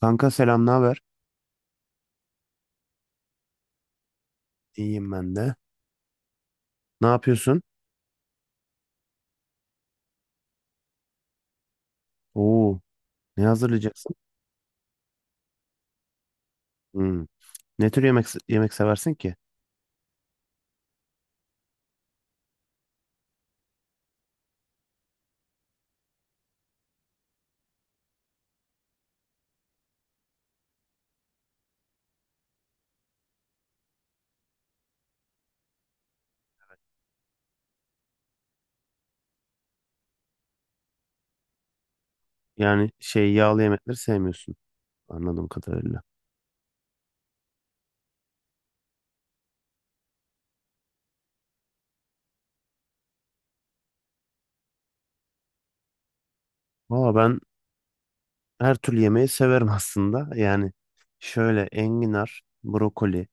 Kanka selam, ne haber? İyiyim ben de. Ne yapıyorsun? Oo, ne hazırlayacaksın? Hmm. Ne tür yemek yemek seversin ki? Yani yağlı yemekleri sevmiyorsun anladığım kadarıyla. Valla ben her türlü yemeği severim aslında. Yani şöyle enginar, brokoli,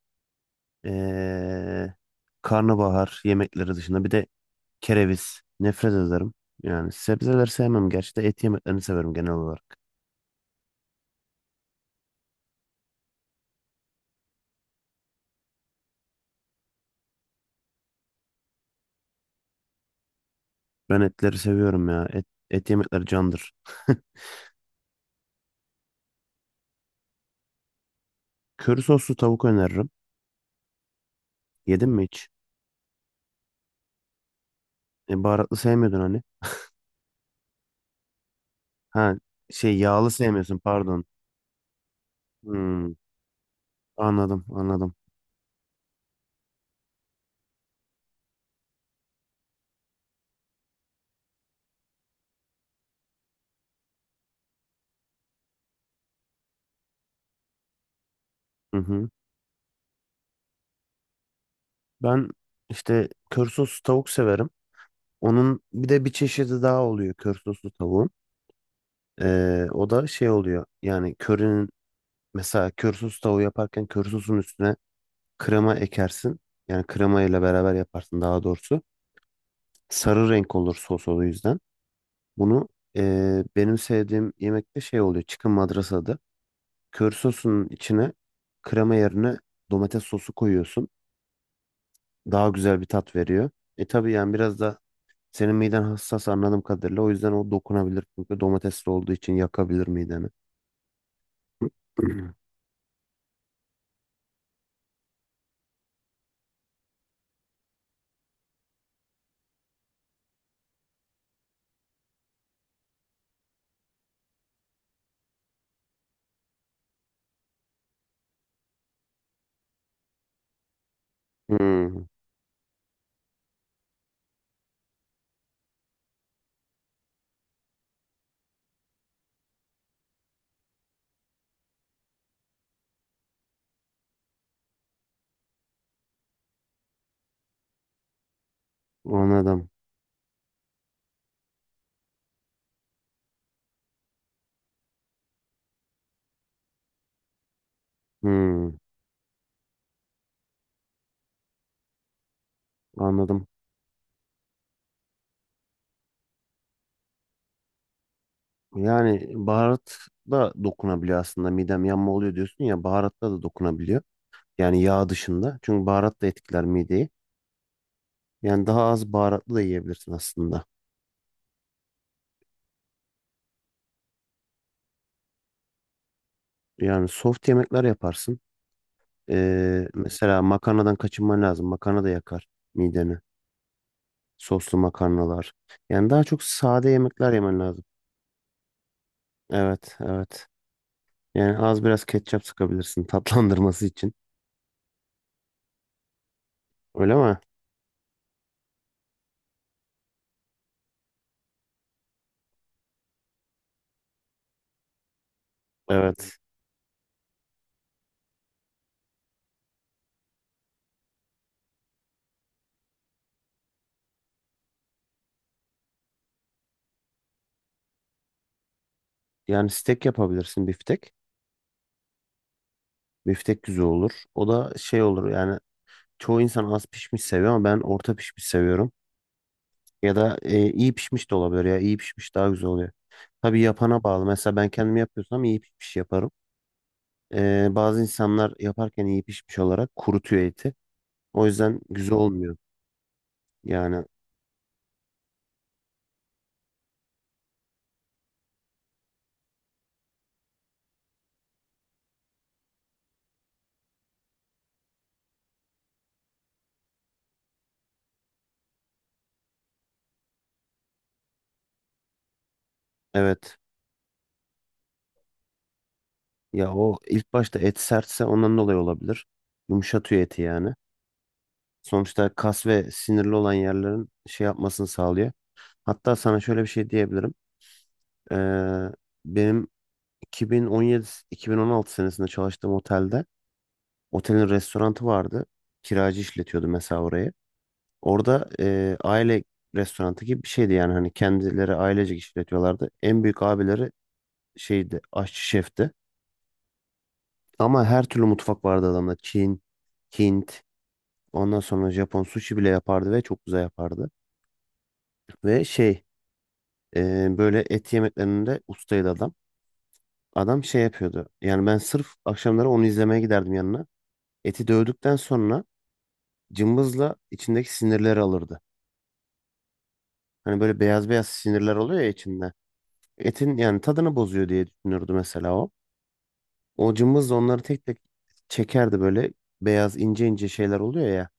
ee, karnabahar yemekleri dışında bir de kereviz nefret ederim. Yani sebzeleri sevmem gerçi de et yemeklerini severim genel olarak. Ben etleri seviyorum ya. Et yemekleri candır. Köri soslu tavuk öneririm. Yedin mi hiç? E, baharatlı sevmiyordun hani. Ha yağlı sevmiyorsun pardon. Hmm, anladım. Hı hı. Ben işte köri soslu tavuk severim. Onun bir de bir çeşidi daha oluyor köri soslu tavuğun. O da oluyor yani körinin mesela köri soslu tavuğu yaparken köri sosun üstüne krema ekersin. Yani krema ile beraber yaparsın daha doğrusu. Sarı renk olur sos o yüzden. Bunu benim sevdiğim yemekte oluyor. Chicken madrasa adı. Kör sosunun içine krema yerine domates sosu koyuyorsun. Daha güzel bir tat veriyor. E tabii yani biraz da senin miden hassas anladığım kadarıyla. O yüzden o dokunabilir. Çünkü domatesli olduğu için yakabilir mideni. Hmm, anladım. Hmm, anladım. Yani baharat da dokunabiliyor aslında. Midem yanma oluyor diyorsun ya baharatta da dokunabiliyor. Yani yağ dışında. Çünkü baharat da etkiler mideyi. Yani daha az baharatlı da yiyebilirsin aslında. Yani soft yemekler yaparsın. Mesela makarnadan kaçınman lazım. Makarna da yakar mideni. Soslu makarnalar. Yani daha çok sade yemekler yemen lazım. Evet, evet. Yani az biraz ketçap sıkabilirsin tatlandırması için. Öyle mi? Evet. Yani steak yapabilirsin biftek. Biftek güzel olur. O da olur yani çoğu insan az pişmiş seviyor ama ben orta pişmiş seviyorum. Ya da iyi pişmiş de olabilir ya. İyi pişmiş daha güzel oluyor. Tabii yapana bağlı. Mesela ben kendim yapıyorsam iyi pişmiş yaparım. Bazı insanlar yaparken iyi pişmiş olarak kurutuyor eti. O yüzden güzel olmuyor. Yani evet, ya o ilk başta et sertse ondan dolayı olabilir. Yumuşatıyor eti yani. Sonuçta kas ve sinirli olan yerlerin yapmasını sağlıyor. Hatta sana şöyle bir şey diyebilirim. Ee, Benim 2017-2016 senesinde çalıştığım otelde otelin restoranı vardı. Kiracı işletiyordu mesela orayı. Orada aile restoranı gibi bir şeydi yani hani kendileri ailecek işletiyorlardı. En büyük abileri aşçı şefti. Ama her türlü mutfak vardı adamda. Çin, Hint, ondan sonra Japon sushi bile yapardı ve çok güzel yapardı. Ve böyle et yemeklerinde ustaydı adam. Adam yapıyordu. Yani ben sırf akşamları onu izlemeye giderdim yanına. Eti dövdükten sonra cımbızla içindeki sinirleri alırdı. Hani böyle beyaz beyaz sinirler oluyor ya içinde. Etin yani tadını bozuyor diye düşünürdü mesela o. O cımbızla onları tek tek çekerdi böyle beyaz ince ince şeyler oluyor ya.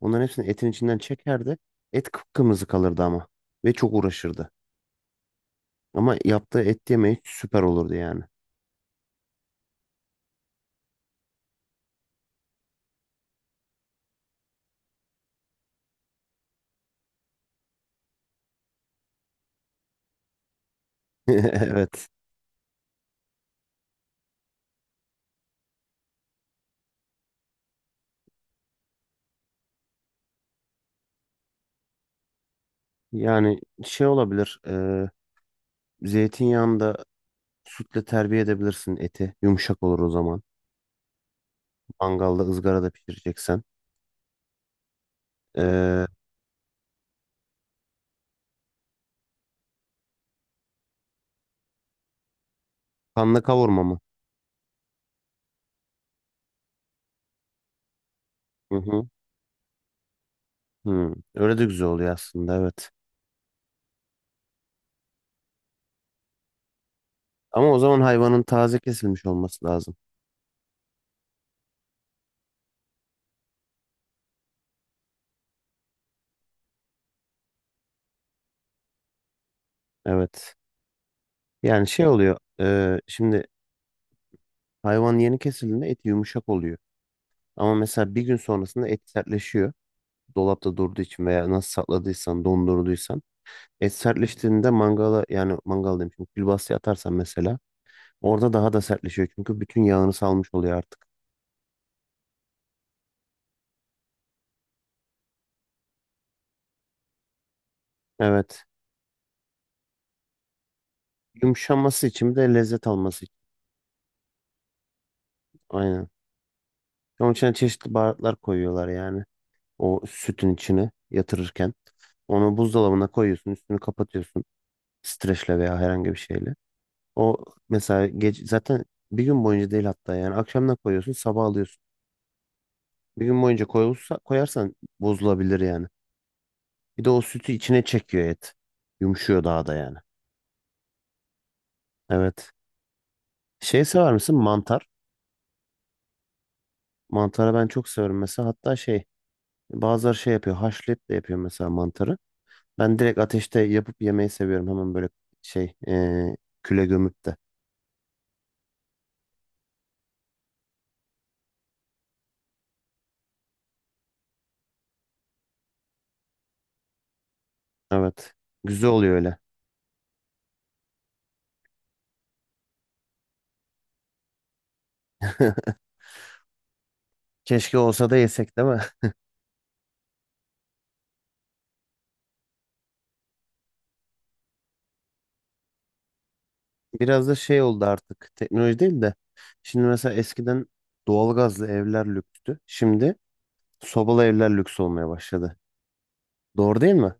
Onların hepsini etin içinden çekerdi. Et kıpkırmızı kalırdı ama ve çok uğraşırdı. Ama yaptığı et yemeği süper olurdu yani. Evet. Yani olabilir. Zeytinyağında sütle terbiye edebilirsin eti. Yumuşak olur o zaman. Mangalda ızgarada pişireceksen. E, Kanla kavurma mı? Hı hı. Hı. Öyle de güzel oluyor aslında, evet. Ama o zaman hayvanın taze kesilmiş olması lazım. Evet. Yani oluyor. Şimdi hayvan yeni kesildiğinde eti yumuşak oluyor. Ama mesela bir gün sonrasında et sertleşiyor. Dolapta durduğu için veya nasıl sakladıysan, dondurduysan. Et sertleştiğinde mangala yani mangal demişim. Külbastaya atarsan mesela orada daha da sertleşiyor. Çünkü bütün yağını salmış oluyor artık. Evet. Yumuşaması için bir de lezzet alması için. Aynen. Onun için çeşitli baharatlar koyuyorlar yani. O sütün içine yatırırken. Onu buzdolabına koyuyorsun, üstünü kapatıyorsun. Streçle veya herhangi bir şeyle. O mesela gece, zaten bir gün boyunca değil hatta yani akşamdan koyuyorsun, sabah alıyorsun. Bir gün boyunca koyulsa, koyarsan bozulabilir yani. Bir de o sütü içine çekiyor et. Yumuşuyor daha da yani. Evet. Sever misin? Mantar. Mantarı ben çok severim mesela. Hatta bazıları yapıyor. Haşlayıp de yapıyor mesela mantarı. Ben direkt ateşte yapıp yemeyi seviyorum. Hemen böyle şey eee, küle gömüp de. Evet. Güzel oluyor öyle. Keşke olsa da yesek değil mi? Biraz da oldu artık. Teknoloji değil de. Şimdi mesela eskiden doğalgazlı evler lükstü. Şimdi sobalı evler lüks olmaya başladı. Doğru değil mi?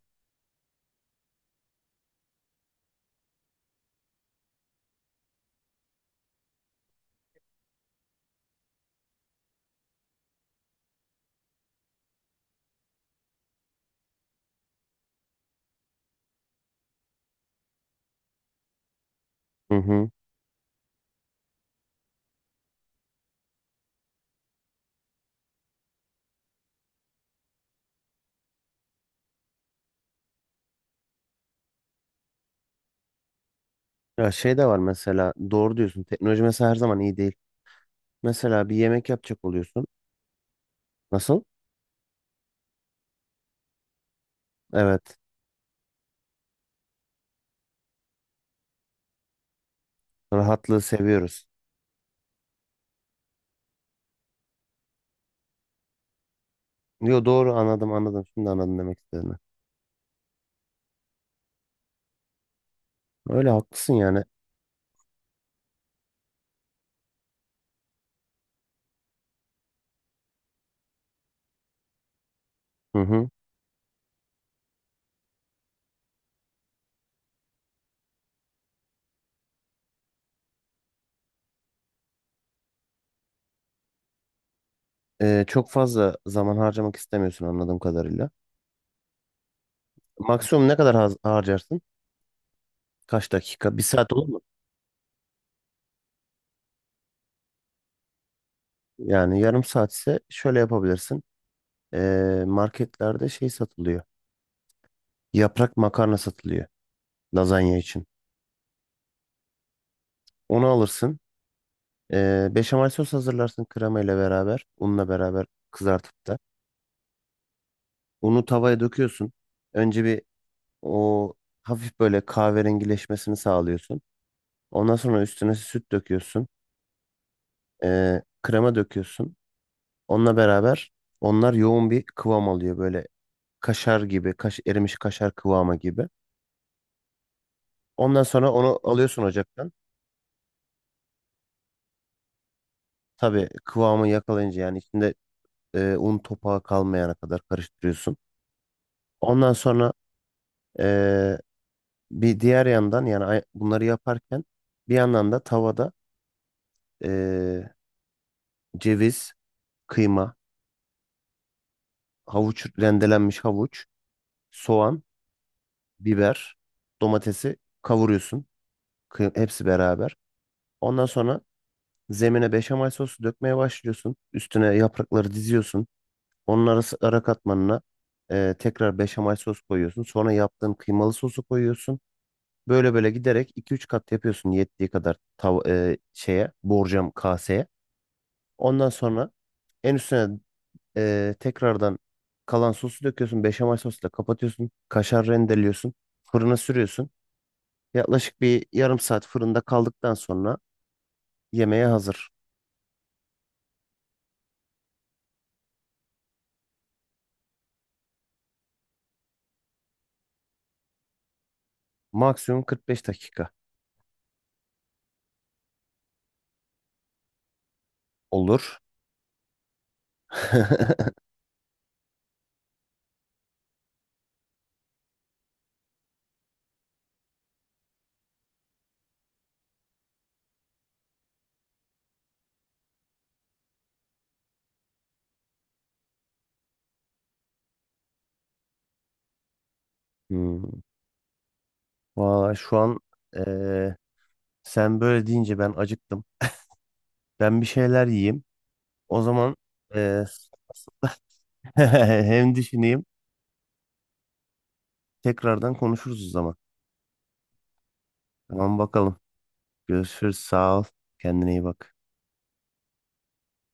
Hı hı. Ya de var mesela doğru diyorsun. Teknoloji mesela her zaman iyi değil. Mesela bir yemek yapacak oluyorsun. Nasıl? Evet. Rahatlığı seviyoruz. Yo doğru, anladım. Şimdi anladım demek istediğini. Öyle haklısın yani. Hı hı. Çok fazla zaman harcamak istemiyorsun anladığım kadarıyla. Maksimum ne kadar harcarsın? Kaç dakika? Bir saat olur mu? Yani yarım saat ise şöyle yapabilirsin. Marketlerde satılıyor. Yaprak makarna satılıyor lazanya için. Onu alırsın. Beşamel sos hazırlarsın krema ile beraber, unla beraber kızartıp da. Unu tavaya döküyorsun. Önce bir o hafif böyle kahverengileşmesini sağlıyorsun. Ondan sonra üstüne süt döküyorsun. Krema döküyorsun. Onunla beraber onlar yoğun bir kıvam alıyor böyle kaşar gibi, erimiş kaşar kıvamı gibi. Ondan sonra onu alıyorsun ocaktan. Tabii kıvamı yakalayınca yani içinde un topağı kalmayana kadar karıştırıyorsun. Ondan sonra ee, bir diğer yandan yani bunları yaparken bir yandan da tavada eee, ceviz, kıyma, rendelenmiş havuç, soğan, biber, domatesi kavuruyorsun. Hepsi beraber. Ondan sonra zemine beşamel sosu dökmeye başlıyorsun. Üstüne yaprakları diziyorsun. Onun arası ara katmanına tekrar beşamel sos koyuyorsun. Sonra yaptığın kıymalı sosu koyuyorsun. Böyle böyle giderek iki üç kat yapıyorsun yettiği kadar tav şeye borcam kaseye. Ondan sonra en üstüne tekrardan kalan sosu döküyorsun. Beşamel sosla kapatıyorsun. Kaşar rendeliyorsun. Fırına sürüyorsun. Yaklaşık bir yarım saat fırında kaldıktan sonra yemeğe hazır. Maksimum 45 dakika olur. Hmm. Valla şu an eee, sen böyle deyince ben acıktım. Ben bir şeyler yiyeyim. O zaman eee, hem düşüneyim. Tekrardan konuşuruz o zaman. Tamam bakalım. Görüşürüz. Sağ ol. Kendine iyi bak.